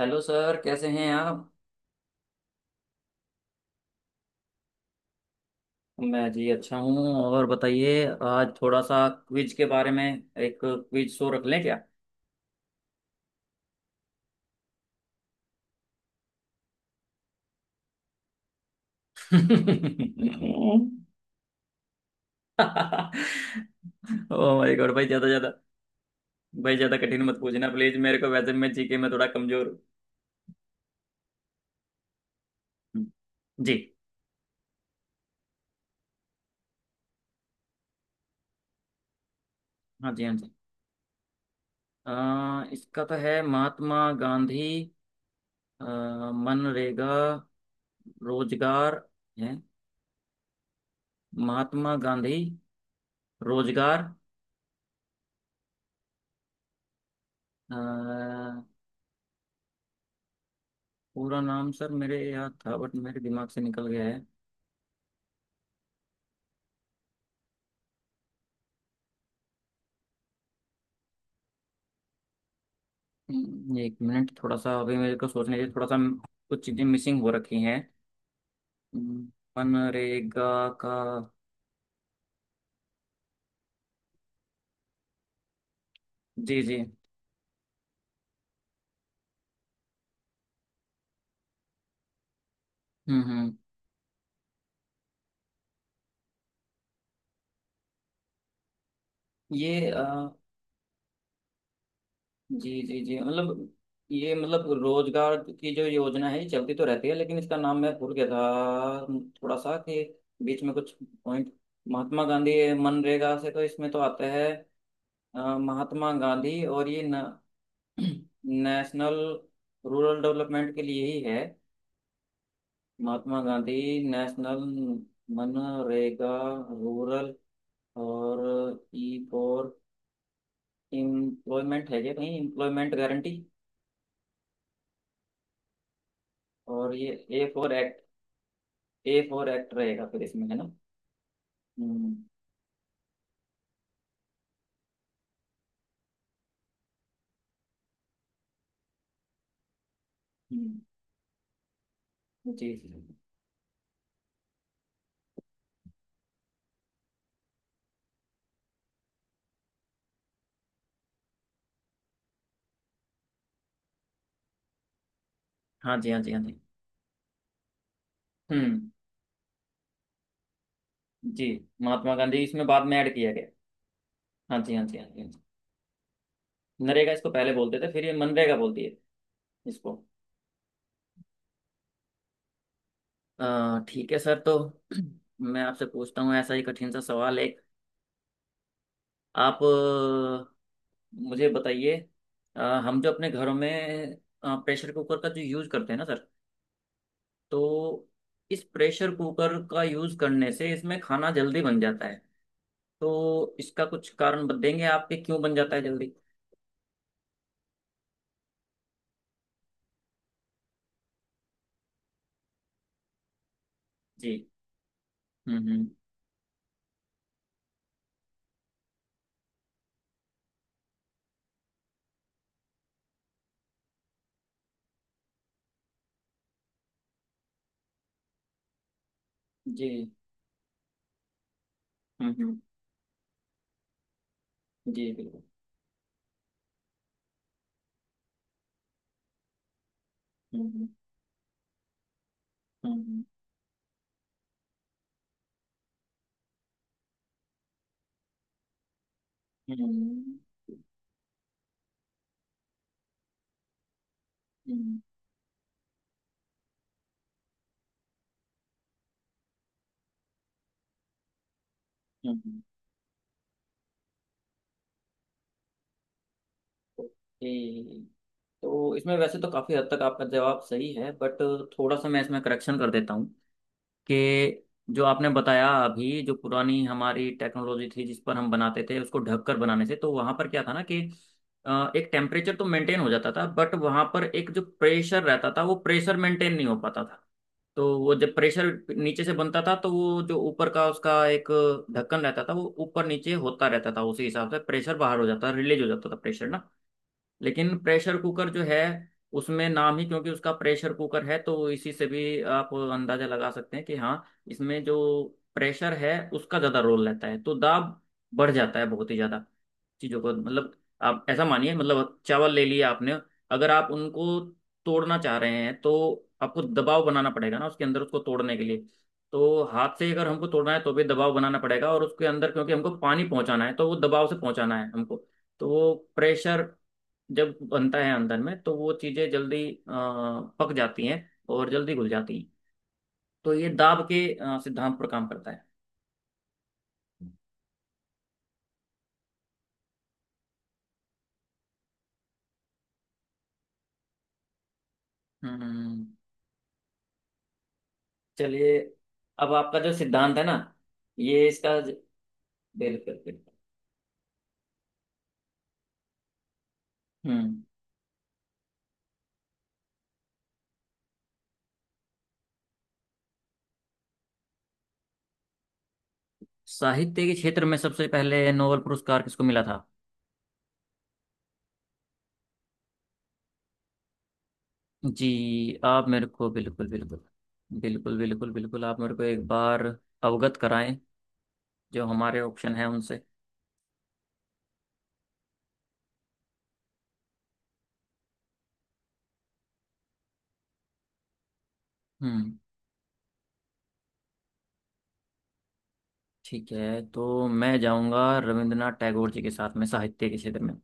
Hello sir, कैसे हैं आप? मैं जी अच्छा हूँ। और बताइए आज थोड़ा सा क्विज के बारे में, एक क्विज शो रख लें क्या? ओ माय गॉड! भाई, ज़्यादा ज़्यादा भाई, ज़्यादा कठिन मत पूछना प्लीज़ मेरे को। वैसे मैं जीके में थोड़ा कमज़ोर हूँ। हम्म, जी। हाँ जी, हाँ जी। अ, इसका तो है महात्मा गांधी। अ, मनरेगा रोजगार है। महात्मा गांधी रोजगार। पूरा नाम सर मेरे याद था बट मेरे दिमाग से निकल गया है। एक मिनट, थोड़ा सा अभी मेरे को सोचने दीजिए। थोड़ा सा कुछ चीजें मिसिंग हो रखी हैं। हम्म, मनरेगा का। जी जी। हम्म। ये जी जी जी, मतलब ये, मतलब रोजगार की जो योजना है ये चलती तो रहती है, लेकिन इसका नाम मैं भूल गया था थोड़ा सा। कि बीच में कुछ पॉइंट। महात्मा गांधी, ये मनरेगा से तो इसमें तो आता है। महात्मा गांधी और ये न नेशनल, रूरल डेवलपमेंट के लिए ही है। महात्मा गांधी नेशनल मनरेगा रूरल और ई फॉर एम्प्लॉयमेंट है क्या कहीं? Employment guarantee. और ये A for act. A for act रहेगा फिर इसमें, है ना? हम्म। हम्म, जी जी। हाँ जी, हाँ जी, हाँ जी। हम्म, जी। महात्मा गांधी इसमें बाद में ऐड किया गया। हाँ जी, हाँ जी, हाँ जी, हाँ जी। नरेगा इसको पहले बोलते थे, फिर ये मनरेगा बोल दिए इसको। ठीक है सर, तो मैं आपसे पूछता हूँ ऐसा ही कठिन सा सवाल एक। आप मुझे बताइए। अ, हम जो अपने घरों में प्रेशर कुकर का जो यूज़ करते हैं ना सर, तो इस प्रेशर कुकर का यूज़ करने से इसमें खाना जल्दी बन जाता है। तो इसका कुछ कारण बताएंगे आपके, क्यों बन जाता है जल्दी? जी। हम्म। जी। हम्म। जी बिल्कुल। हम्म हम्म हम्म हम्म हम्म हम्म। ओके। तो इसमें वैसे तो काफी हद तक आपका जवाब सही है, बट थोड़ा सा मैं इसमें करेक्शन कर देता हूँ कि जो आपने बताया अभी, जो पुरानी हमारी टेक्नोलॉजी थी जिस पर हम बनाते थे उसको ढककर बनाने से, तो वहां पर क्या था ना कि एक टेम्परेचर तो मेंटेन हो जाता था, बट वहां पर एक जो प्रेशर रहता था वो प्रेशर मेंटेन नहीं हो पाता था। तो वो जब प्रेशर नीचे से बनता था तो वो जो ऊपर का उसका एक ढक्कन रहता था वो ऊपर नीचे होता रहता था, उसी हिसाब से प्रेशर बाहर हो जाता, रिलीज हो जाता था प्रेशर ना। लेकिन प्रेशर कुकर जो है उसमें नाम ही क्योंकि उसका प्रेशर कुकर है, तो इसी से भी आप अंदाजा लगा सकते हैं कि हाँ, इसमें जो प्रेशर है उसका ज्यादा रोल रहता है। तो दाब बढ़ जाता है बहुत ही ज्यादा चीजों को, मतलब आप ऐसा मानिए मतलब चावल ले लिया आपने, अगर आप उनको तोड़ना चाह रहे हैं तो आपको दबाव बनाना पड़ेगा ना उसके अंदर उसको तोड़ने के लिए। तो हाथ से अगर हमको तोड़ना है तो भी दबाव बनाना पड़ेगा और उसके अंदर क्योंकि हमको पानी पहुंचाना है तो वो दबाव से पहुंचाना है हमको। तो वो प्रेशर जब बनता है अंदर में तो वो चीजें जल्दी पक जाती हैं और जल्दी घुल जाती हैं। तो ये दाब के सिद्धांत पर काम करता है। हम्म। चलिए, अब आपका जो सिद्धांत है ना, ये इसका बिल्कुल बिल्कुल। हम्म। साहित्य के क्षेत्र में सबसे पहले नोबेल पुरस्कार किसको मिला था? जी, आप मेरे को बिल्कुल बिल्कुल, बिल्कुल बिल्कुल बिल्कुल आप मेरे को एक बार अवगत कराएं जो हमारे ऑप्शन है उनसे। हम्म। ठीक है, तो मैं जाऊंगा रविंद्रनाथ टैगोर जी के साथ में साहित्य के क्षेत्र में।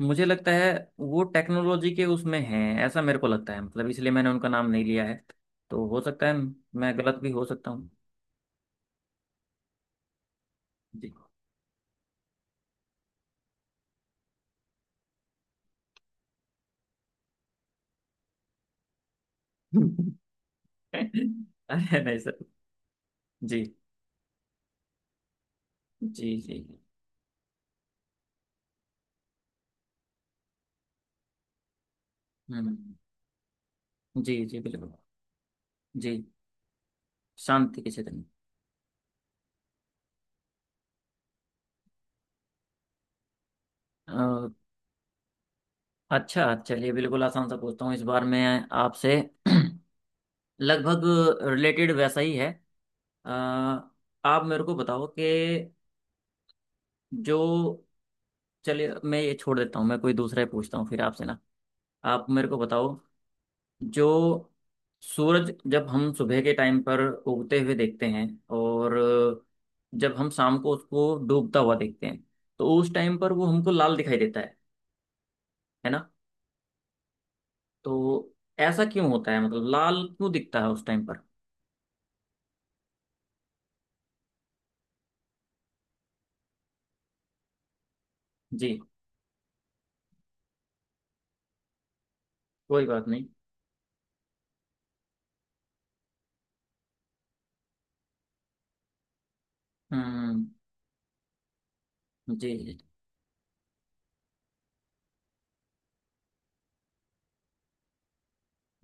मुझे लगता है वो टेक्नोलॉजी के उसमें हैं ऐसा मेरे को लगता है, मतलब इसलिए मैंने उनका नाम नहीं लिया है। तो हो सकता है मैं गलत भी हो सकता हूँ। जी। अरे नहीं सर। जी जी जी। हम्म, जी जी बिल्कुल। जी। शांति के क्षेत्र में। अ, अच्छा चलिए बिल्कुल आसान सा पूछता हूँ इस बार मैं आपसे। लगभग रिलेटेड वैसा ही है। अ, आप मेरे को बताओ कि जो, चलिए मैं ये छोड़ देता हूँ, मैं कोई दूसरा ही पूछता हूँ फिर आपसे ना। आप मेरे को बताओ, जो सूरज जब हम सुबह के टाइम पर उगते हुए देखते हैं और जब हम शाम को उसको डूबता हुआ देखते हैं, तो उस टाइम पर वो हमको लाल दिखाई देता है ना? तो ऐसा क्यों होता है, मतलब लाल क्यों दिखता है उस टाइम पर? जी, कोई बात नहीं। हम्म। जी जी।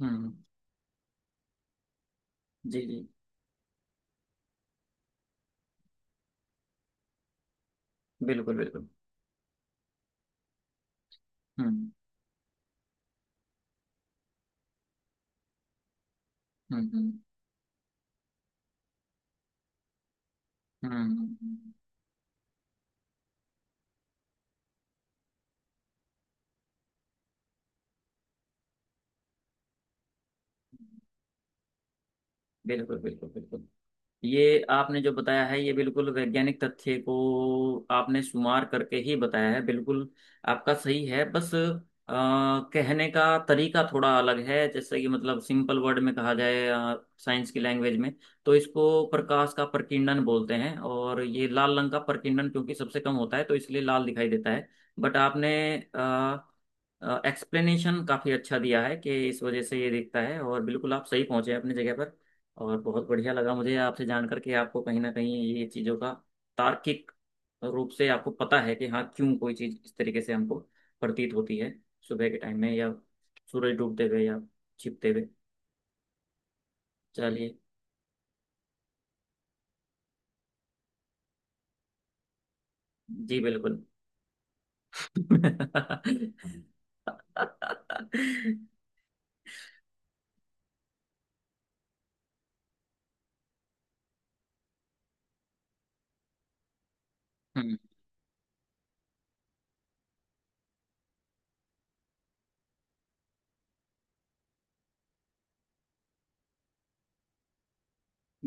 हम्म। जी जी बिल्कुल बिल्कुल। हम्म हम्म हम्म। हम्म। बिल्कुल बिल्कुल बिल्कुल, ये आपने जो बताया है ये बिल्कुल वैज्ञानिक तथ्य को आपने शुमार करके ही बताया है। बिल्कुल आपका सही है, बस कहने का तरीका थोड़ा अलग है, जैसे कि मतलब सिंपल वर्ड में कहा जाए साइंस की लैंग्वेज में तो इसको प्रकाश का प्रकीर्णन बोलते हैं, और ये लाल रंग का प्रकीर्णन क्योंकि सबसे कम होता है तो इसलिए लाल दिखाई देता है। बट आपने एक्सप्लेनेशन काफ़ी अच्छा दिया है कि इस वजह से ये दिखता है, और बिल्कुल आप सही पहुंचे हैं अपनी जगह पर। और बहुत बढ़िया लगा मुझे आपसे जान करके, आपको कहीं ना कहीं ये चीज़ों का तार्किक रूप से आपको पता है कि हाँ, क्यों कोई चीज़ इस तरीके से हमको प्रतीत होती है सुबह के टाइम में, या सूरज डूबते हुए या छिपते हुए। चलिए। जी बिल्कुल। हम्म।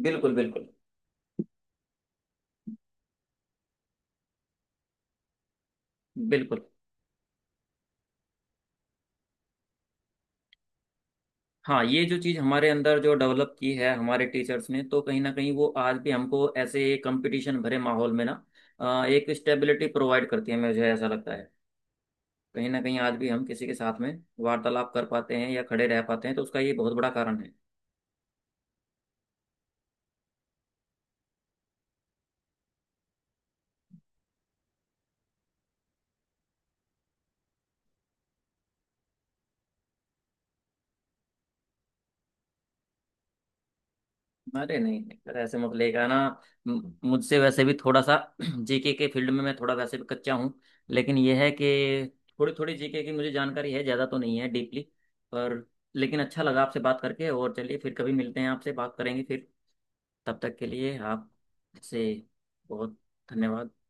बिल्कुल बिल्कुल बिल्कुल। हाँ, ये जो चीज़ हमारे अंदर जो डेवलप की है हमारे टीचर्स ने, तो कहीं ना कहीं वो आज भी हमको ऐसे कंपटीशन भरे माहौल में ना एक स्टेबिलिटी प्रोवाइड करती है मुझे ऐसा लगता है। कहीं ना कहीं आज भी हम किसी के साथ में वार्तालाप कर पाते हैं या खड़े रह पाते हैं, तो उसका ये बहुत बड़ा कारण है। अरे नहीं नहीं सर, ऐसे मत लेगा ना। मुझसे वैसे भी थोड़ा सा जीके के फील्ड में मैं थोड़ा वैसे भी कच्चा हूँ। लेकिन यह है कि थोड़ी थोड़ी जीके की मुझे जानकारी है, ज़्यादा तो नहीं है डीपली। पर लेकिन अच्छा लगा आपसे बात करके, और चलिए फिर कभी मिलते हैं, आपसे बात करेंगे फिर। तब तक के लिए आप से बहुत धन्यवाद।